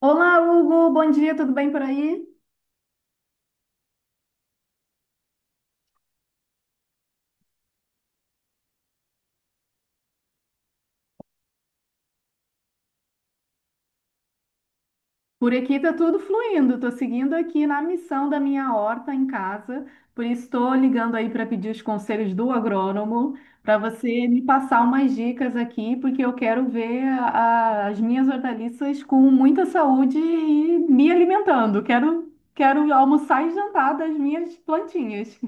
Olá, Hugo, bom dia, tudo bem por aí? Por aqui tá tudo fluindo, tô seguindo aqui na missão da minha horta em casa, por isso estou ligando aí para pedir os conselhos do agrônomo, para você me passar umas dicas aqui, porque eu quero ver as minhas hortaliças com muita saúde e me alimentando. Quero almoçar e jantar das minhas plantinhas.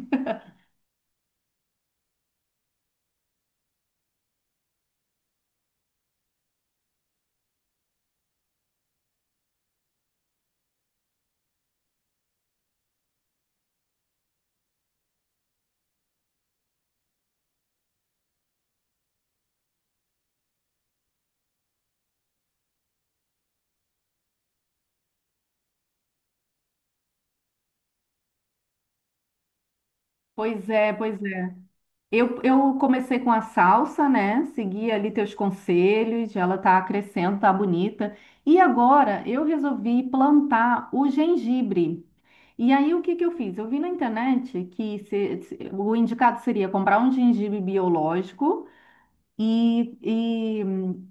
Pois é. Eu comecei com a salsa, né? Segui ali teus conselhos, ela tá crescendo, tá bonita. E agora eu resolvi plantar o gengibre. E aí o que que eu fiz? Eu vi na internet que o indicado seria comprar um gengibre biológico e,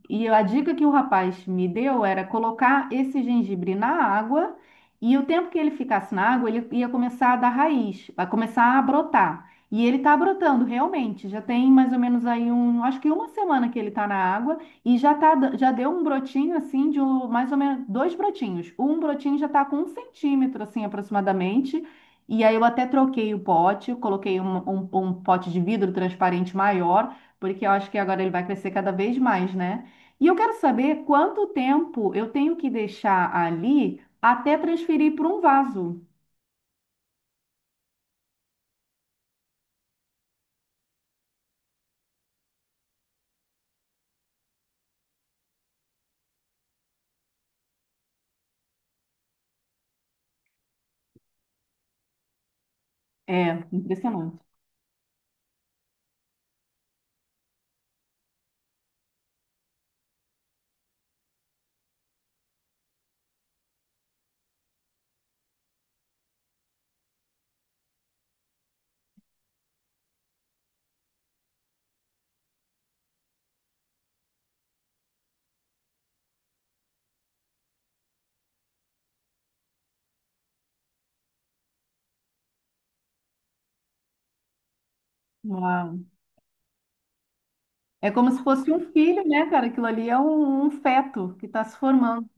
e, e a dica que o rapaz me deu era colocar esse gengibre na água, e o tempo que ele ficasse na água, ele ia começar a dar raiz, vai começar a brotar. E ele está brotando realmente, já tem mais ou menos aí acho que uma semana que ele está na água, e já tá, já deu um brotinho assim mais ou menos dois brotinhos. Um brotinho já está com 1 centímetro assim aproximadamente. E aí eu até troquei o pote, eu coloquei um pote de vidro transparente maior, porque eu acho que agora ele vai crescer cada vez mais, né? E eu quero saber quanto tempo eu tenho que deixar ali até transferir para um vaso. É, impressionante. Uau. É como se fosse um filho, né, cara? Aquilo ali é um feto que está se formando.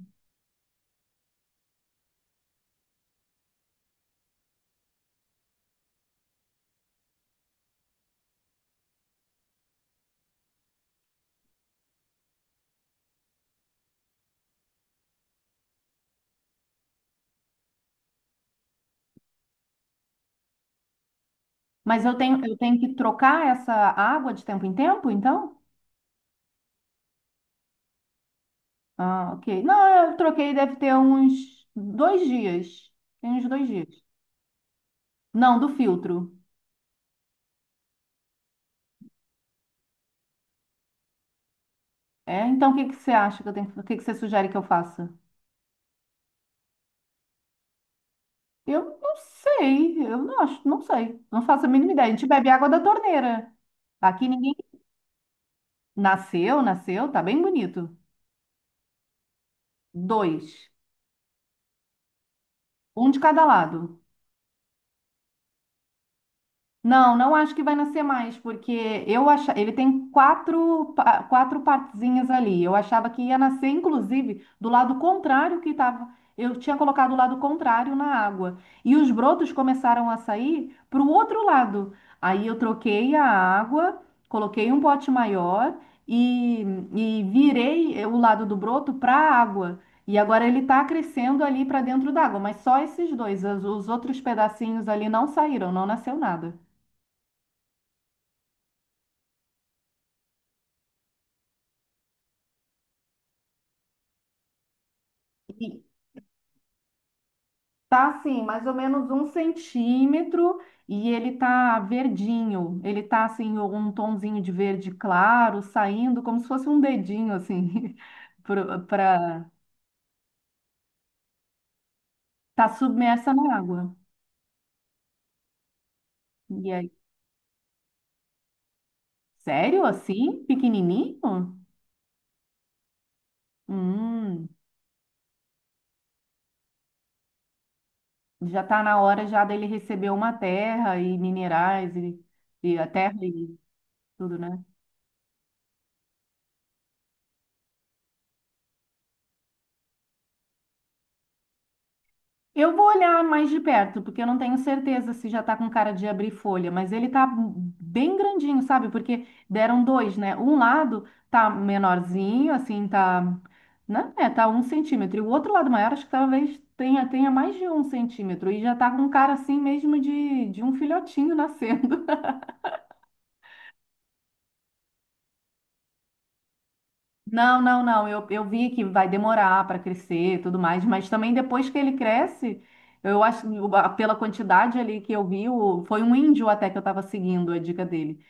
Mas eu tenho que trocar essa água de tempo em tempo, então? Ah, ok. Não, eu troquei, deve ter uns 2 dias. Tem uns 2 dias. Não, do filtro. É, então o que que você acha que eu tenho, o que que você sugere que eu faça? Eu não sei, eu não acho, não sei, não faço a mínima ideia. A gente bebe água da torneira. Aqui ninguém nasceu, tá bem bonito. Dois, um de cada lado. Não, não acho que vai nascer mais, porque ele tem quatro partezinhas ali. Eu achava que ia nascer, inclusive, do lado contrário que estava. Eu tinha colocado o lado contrário na água. E os brotos começaram a sair para o outro lado. Aí eu troquei a água, coloquei um pote maior e, e virei o lado do broto para a água. E agora ele está crescendo ali para dentro d'água, mas só esses dois. Os outros pedacinhos ali não saíram, não nasceu nada. E tá assim, mais ou menos 1 centímetro, e ele tá verdinho. Ele tá assim, um tonzinho de verde claro, saindo como se fosse um dedinho, assim, pra tá submersa na água. E aí, sério assim? Pequenininho? Hum, Já tá na hora já dele receber uma terra e minerais e a terra e tudo, né? Eu vou olhar mais de perto, porque eu não tenho certeza se já tá com cara de abrir folha, mas ele tá bem grandinho, sabe? Porque deram dois, né? Um lado tá menorzinho, assim, tá, né? É, tá 1 centímetro. E o outro lado maior, acho que talvez tenha mais de 1 centímetro. E já tá com cara, assim, mesmo de um filhotinho nascer. Não, não, não. Eu vi que vai demorar para crescer e tudo mais, mas também depois que ele cresce, eu acho, pela quantidade ali que eu vi, foi um índio até que eu estava seguindo a dica dele.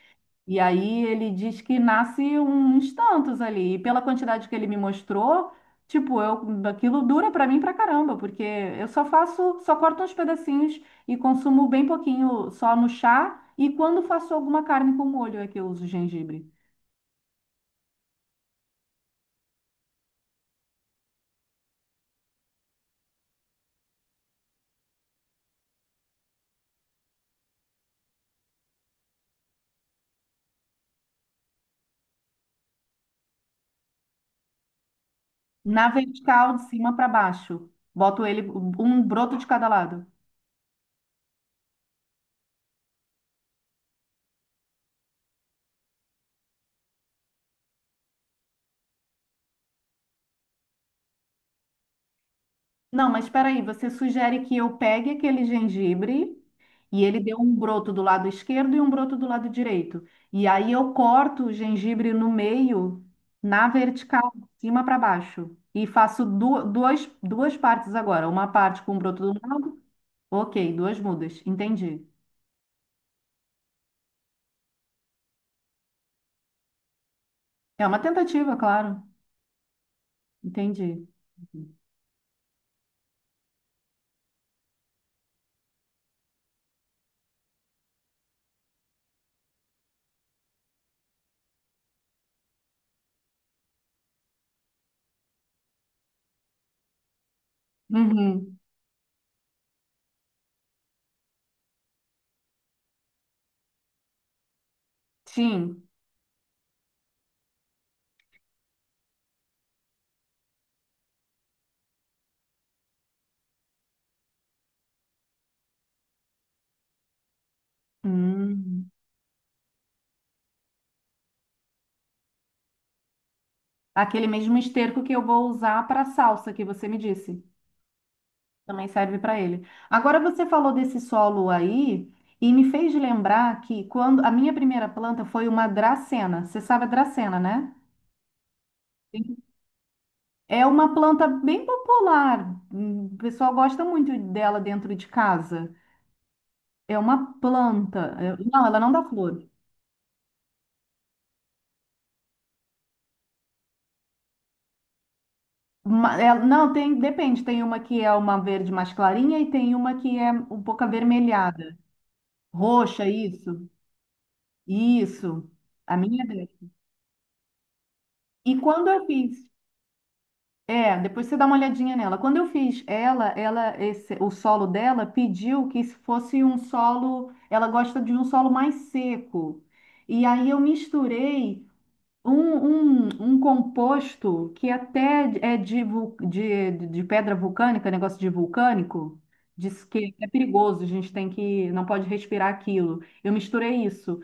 E aí ele diz que nasce uns tantos ali. E pela quantidade que ele me mostrou, tipo, aquilo dura para mim pra caramba, porque só corto uns pedacinhos e consumo bem pouquinho só no chá, e quando faço alguma carne com molho é que eu uso gengibre. Na vertical, de cima para baixo. Boto ele um broto de cada lado. Não, mas espera aí, você sugere que eu pegue aquele gengibre, e ele deu um broto do lado esquerdo e um broto do lado direito. E aí eu corto o gengibre no meio, na vertical, de cima para baixo. E faço duas partes agora. Uma parte com um broto do lado. Ok, duas mudas. Entendi. É uma tentativa, claro. Entendi. Uhum. Sim. Hum. Aquele mesmo esterco que eu vou usar para a salsa que você me disse. Também serve para ele. Agora você falou desse solo aí e me fez lembrar que quando a minha primeira planta foi uma dracena. Você sabe a dracena, né? Sim. É uma planta bem popular. O pessoal gosta muito dela dentro de casa. É uma planta. Não, ela não dá flor. Não, tem, depende. Tem uma que é uma verde mais clarinha e tem uma que é um pouco avermelhada. Roxa, isso. Isso, a minha dela. E quando eu fiz, depois você dá uma olhadinha nela. Quando eu fiz o solo dela pediu que se fosse um solo, ela gosta de um solo mais seco. E aí eu misturei um, um composto que até é de pedra vulcânica, negócio de vulcânico, diz que é perigoso, a gente tem que, não pode respirar aquilo. Eu misturei isso.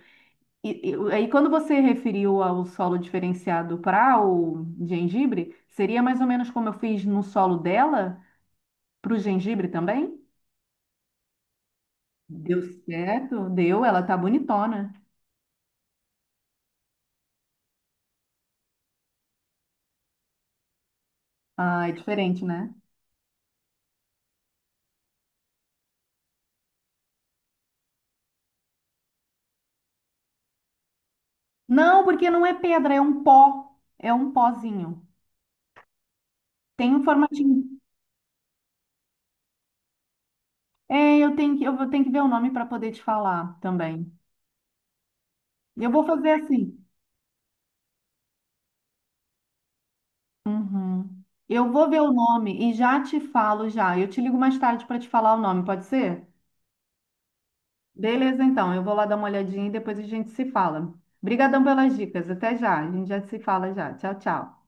E aí, quando você referiu ao solo diferenciado para o gengibre, seria mais ou menos como eu fiz no solo dela, para o gengibre também? Deu certo? Deu, ela tá bonitona. Ah, é diferente, né? Não, porque não é pedra, é um pó. É um pozinho. Tem um formatinho. É, eu vou ter que ver o nome para poder te falar também. Eu vou fazer assim. Uhum. Eu vou ver o nome e já te falo já. Eu te ligo mais tarde para te falar o nome, pode ser? Beleza, então. Eu vou lá dar uma olhadinha e depois a gente se fala. Obrigadão pelas dicas. Até já. A gente já se fala já. Tchau, tchau.